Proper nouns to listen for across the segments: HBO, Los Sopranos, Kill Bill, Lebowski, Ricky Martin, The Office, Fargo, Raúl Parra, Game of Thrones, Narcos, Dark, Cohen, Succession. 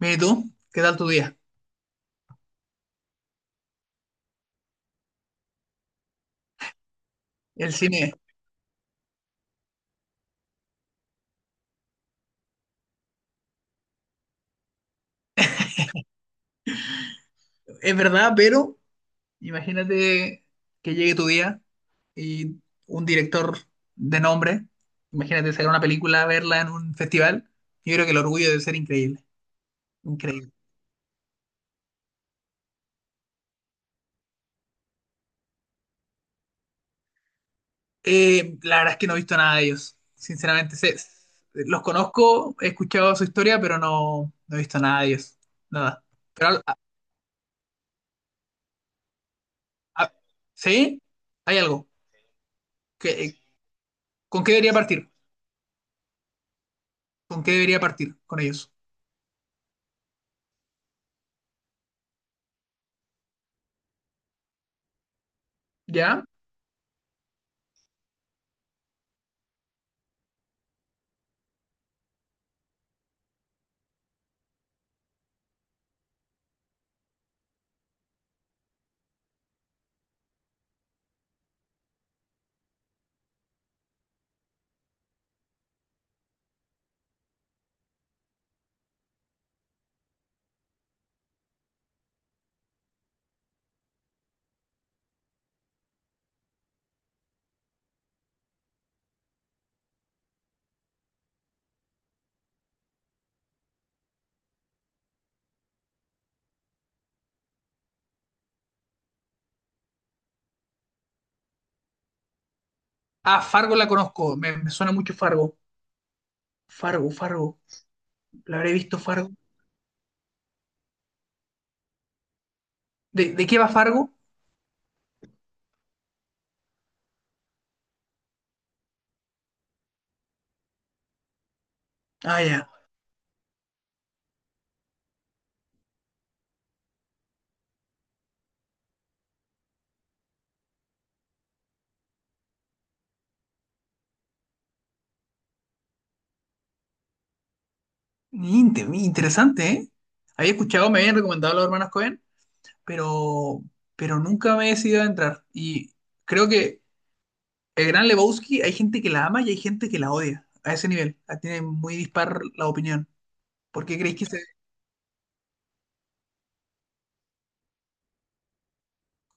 Mira, ¿y tú? ¿Qué tal tu día? El cine es verdad, pero imagínate que llegue tu día y un director de nombre, imagínate sacar una película, verla en un festival, yo creo que el orgullo debe ser increíble, increíble. La verdad es que no he visto nada de ellos, sinceramente, los conozco, he escuchado su historia, pero no he visto nada de ellos, nada. Pero, a- ¿sí? Hay algo. que- ¿Con qué debería partir? ¿Con qué debería partir con ellos? ¿Ya? Ah, Fargo la conozco, me suena mucho Fargo. Fargo, Fargo. ¿La habré visto Fargo? ¿De qué va Fargo? Ah, ya. Interesante, ¿eh? Había escuchado, me habían recomendado a los hermanos Cohen, pero, pero nunca me he decidido a entrar. Y creo que el gran Lebowski, hay gente que la ama y hay gente que la odia. A ese nivel. Ah, tiene muy dispar la opinión. ¿Por qué creéis que se...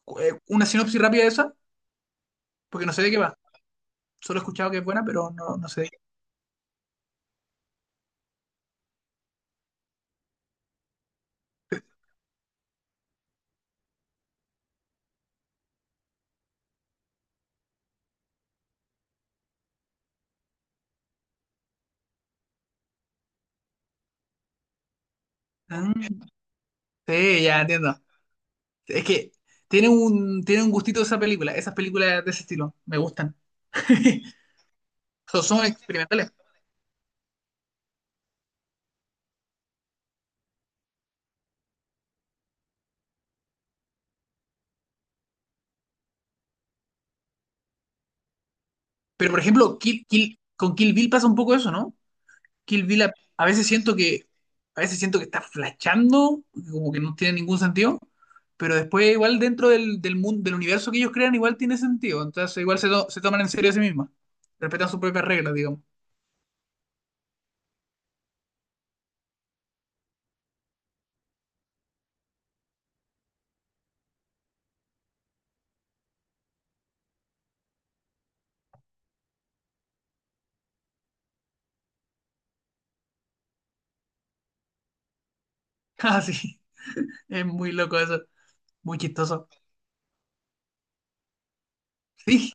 una sinopsis rápida de esa? Porque no sé de qué va. Solo he escuchado que es buena, pero no sé de qué. Ah, sí, ya entiendo. Es que tiene un gustito esa película, esas películas de ese estilo, me gustan. Son, son experimentales. Pero por ejemplo, con Kill Bill pasa un poco eso, ¿no? Kill Bill a veces siento que a veces siento que está flachando, como que no tiene ningún sentido, pero después igual dentro del mundo, del universo que ellos crean igual tiene sentido, entonces igual se toman en serio a sí mismos, respetan sus propias reglas, digamos. Ah, sí, es muy loco eso, muy chistoso. Sí.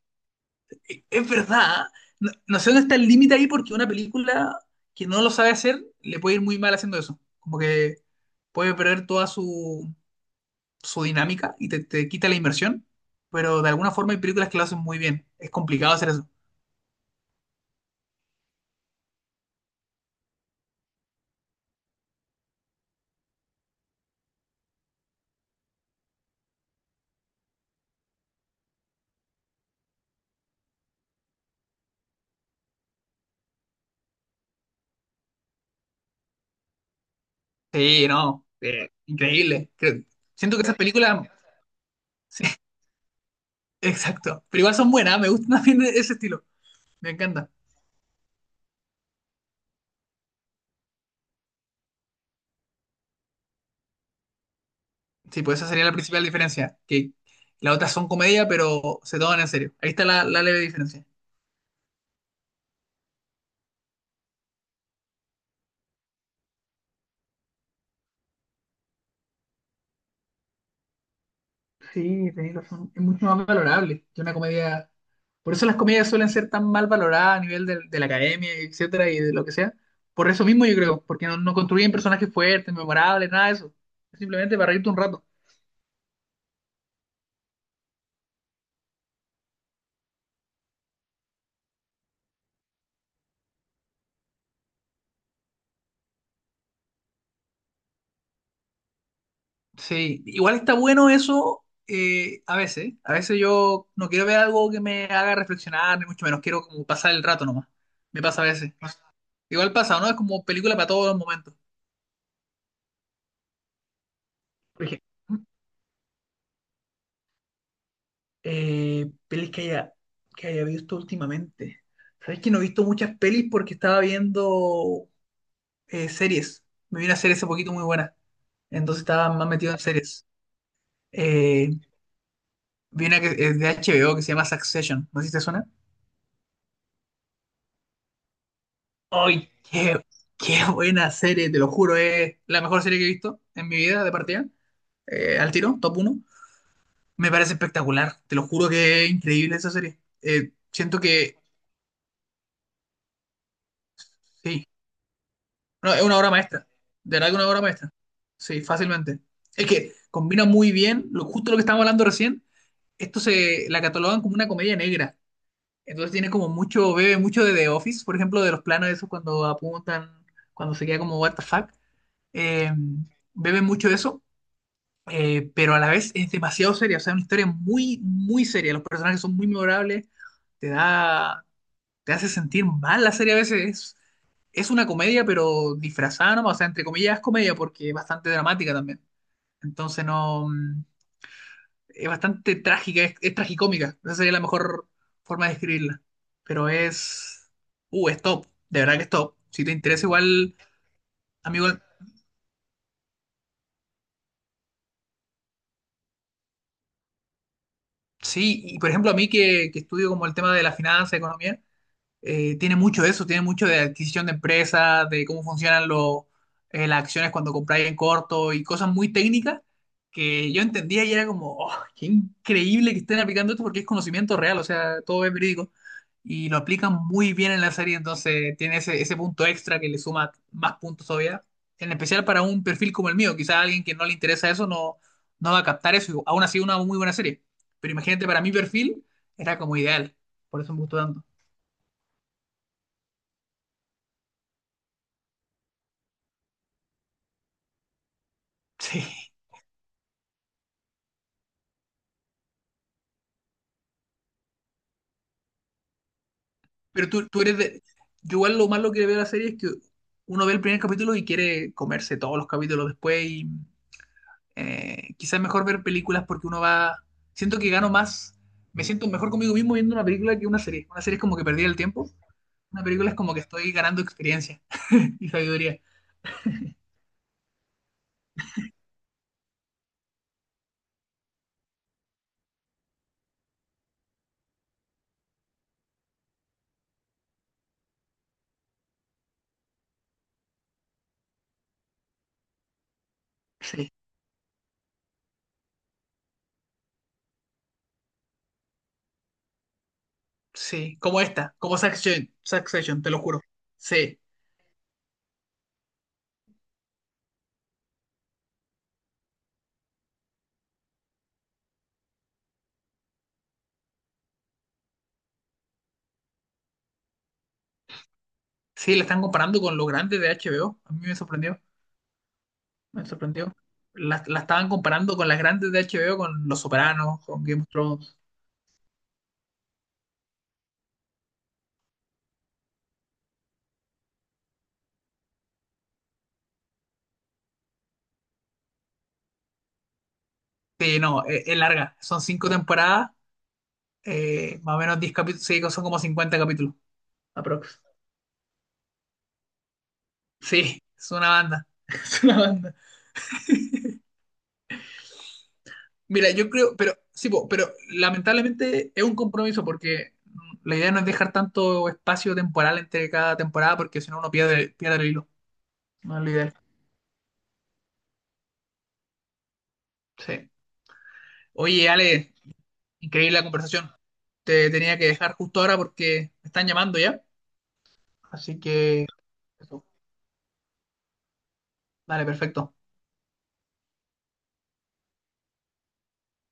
Es verdad. No, no sé dónde está el límite ahí porque una película que no lo sabe hacer le puede ir muy mal haciendo eso. Como que puede perder toda su, su dinámica y te quita la inversión. Pero de alguna forma hay películas que lo hacen muy bien. Es complicado hacer eso. Sí, no. Increíble. Siento que esas películas... Sí, exacto. Pero igual son buenas. Me gusta también ese estilo. Me encanta. Sí, pues esa sería la principal diferencia. Que las otras son comedia, pero se toman en serio. Ahí está la leve diferencia. Sí, tenéis razón. Es mucho más valorable que una comedia. Por eso las comedias suelen ser tan mal valoradas a nivel de la academia, etcétera, y de lo que sea. Por eso mismo yo creo, porque no construyen personajes fuertes, memorables, nada de eso. Es simplemente para reírte un rato. Sí, igual está bueno eso a veces. A veces yo no quiero ver algo que me haga reflexionar, ni mucho menos. Quiero como pasar el rato nomás. Me pasa a veces. Igual pasa, ¿no? Es como película para todos los momentos. eh, pelis que haya, que haya visto últimamente. Sabes que no he visto muchas pelis porque estaba viendo series. Me vi una serie hace poquito muy buena. Entonces estaba más metido en series. Eh, Vi una que es de HBO que se llama Succession. ¿No sé si te suena? ¡Ay, qué, qué buena serie! Te lo juro, es la mejor serie que he visto en mi vida de partida. Al tiro, top uno. Me parece espectacular. Te lo juro que es increíble esa serie. Sí, No, es una obra maestra. De verdad que una obra maestra. Sí, fácilmente. Es que combina muy bien, lo, justo lo que estábamos hablando recién, esto se la catalogan como una comedia negra. Entonces tiene como mucho, bebe mucho de The Office, por ejemplo, de los planos esos cuando apuntan, cuando se queda como what the fuck. Eh, Bebe mucho de eso, pero a la vez es demasiado seria, o sea, es una historia muy, muy seria. Los personajes son muy memorables, te da, te hace sentir mal la serie a veces, es una comedia, pero disfrazada nomás, o sea, entre comillas es comedia porque es bastante dramática también. Entonces no, mm, Es bastante trágica, es tragicómica, esa sería la mejor forma de describirla. Pero es, es top, de verdad que es top. Si te interesa igual, amigo, sí, y por ejemplo a mí que estudio como el tema de la finanza, economía, tiene mucho de eso, tiene mucho de adquisición de empresas, de cómo funcionan los las acciones cuando compráis en corto y cosas muy técnicas que yo entendía y era como, oh, qué increíble que estén aplicando esto porque es conocimiento real, o sea, todo es verídico. Y lo aplican muy bien en la serie, entonces tiene ese punto extra que le suma más puntos todavía. En especial para un perfil como el mío, quizás a alguien que no le interesa eso no, no va a captar eso, y aún así una muy buena serie. Pero imagínate, para mi perfil era como ideal, por eso me gustó tanto. Sí. Pero tú eres de... Yo igual lo malo que veo de la serie es que uno ve el primer capítulo y quiere comerse todos los capítulos después y quizás es mejor ver películas porque uno va... Siento que gano más, me siento mejor conmigo mismo viendo una película que una serie. Una serie es como que perdí el tiempo, una película es como que estoy ganando experiencia y sabiduría. Sí, sí, como esta, como Succession, Succession, te lo juro. Sí, sí, la están comparando con lo grande de HBO, a mí me sorprendió. Me sorprendió. La estaban comparando con las grandes de HBO, con Los Sopranos, con Game of Thrones. Sí, no, es larga. Son 5 temporadas, más o menos 10 capítulos. Sí, son como 50 capítulos, aprox. Sí, es una banda. Es una banda. Mira, yo creo, pero sí, po, pero lamentablemente es un compromiso porque la idea no es dejar tanto espacio temporal entre cada temporada porque si no uno pierde, pierde el hilo. No es lo ideal. Sí. Oye, Ale, increíble la conversación. Te tenía que dejar justo ahora porque me están llamando ya. Así que, eso. Dale, perfecto.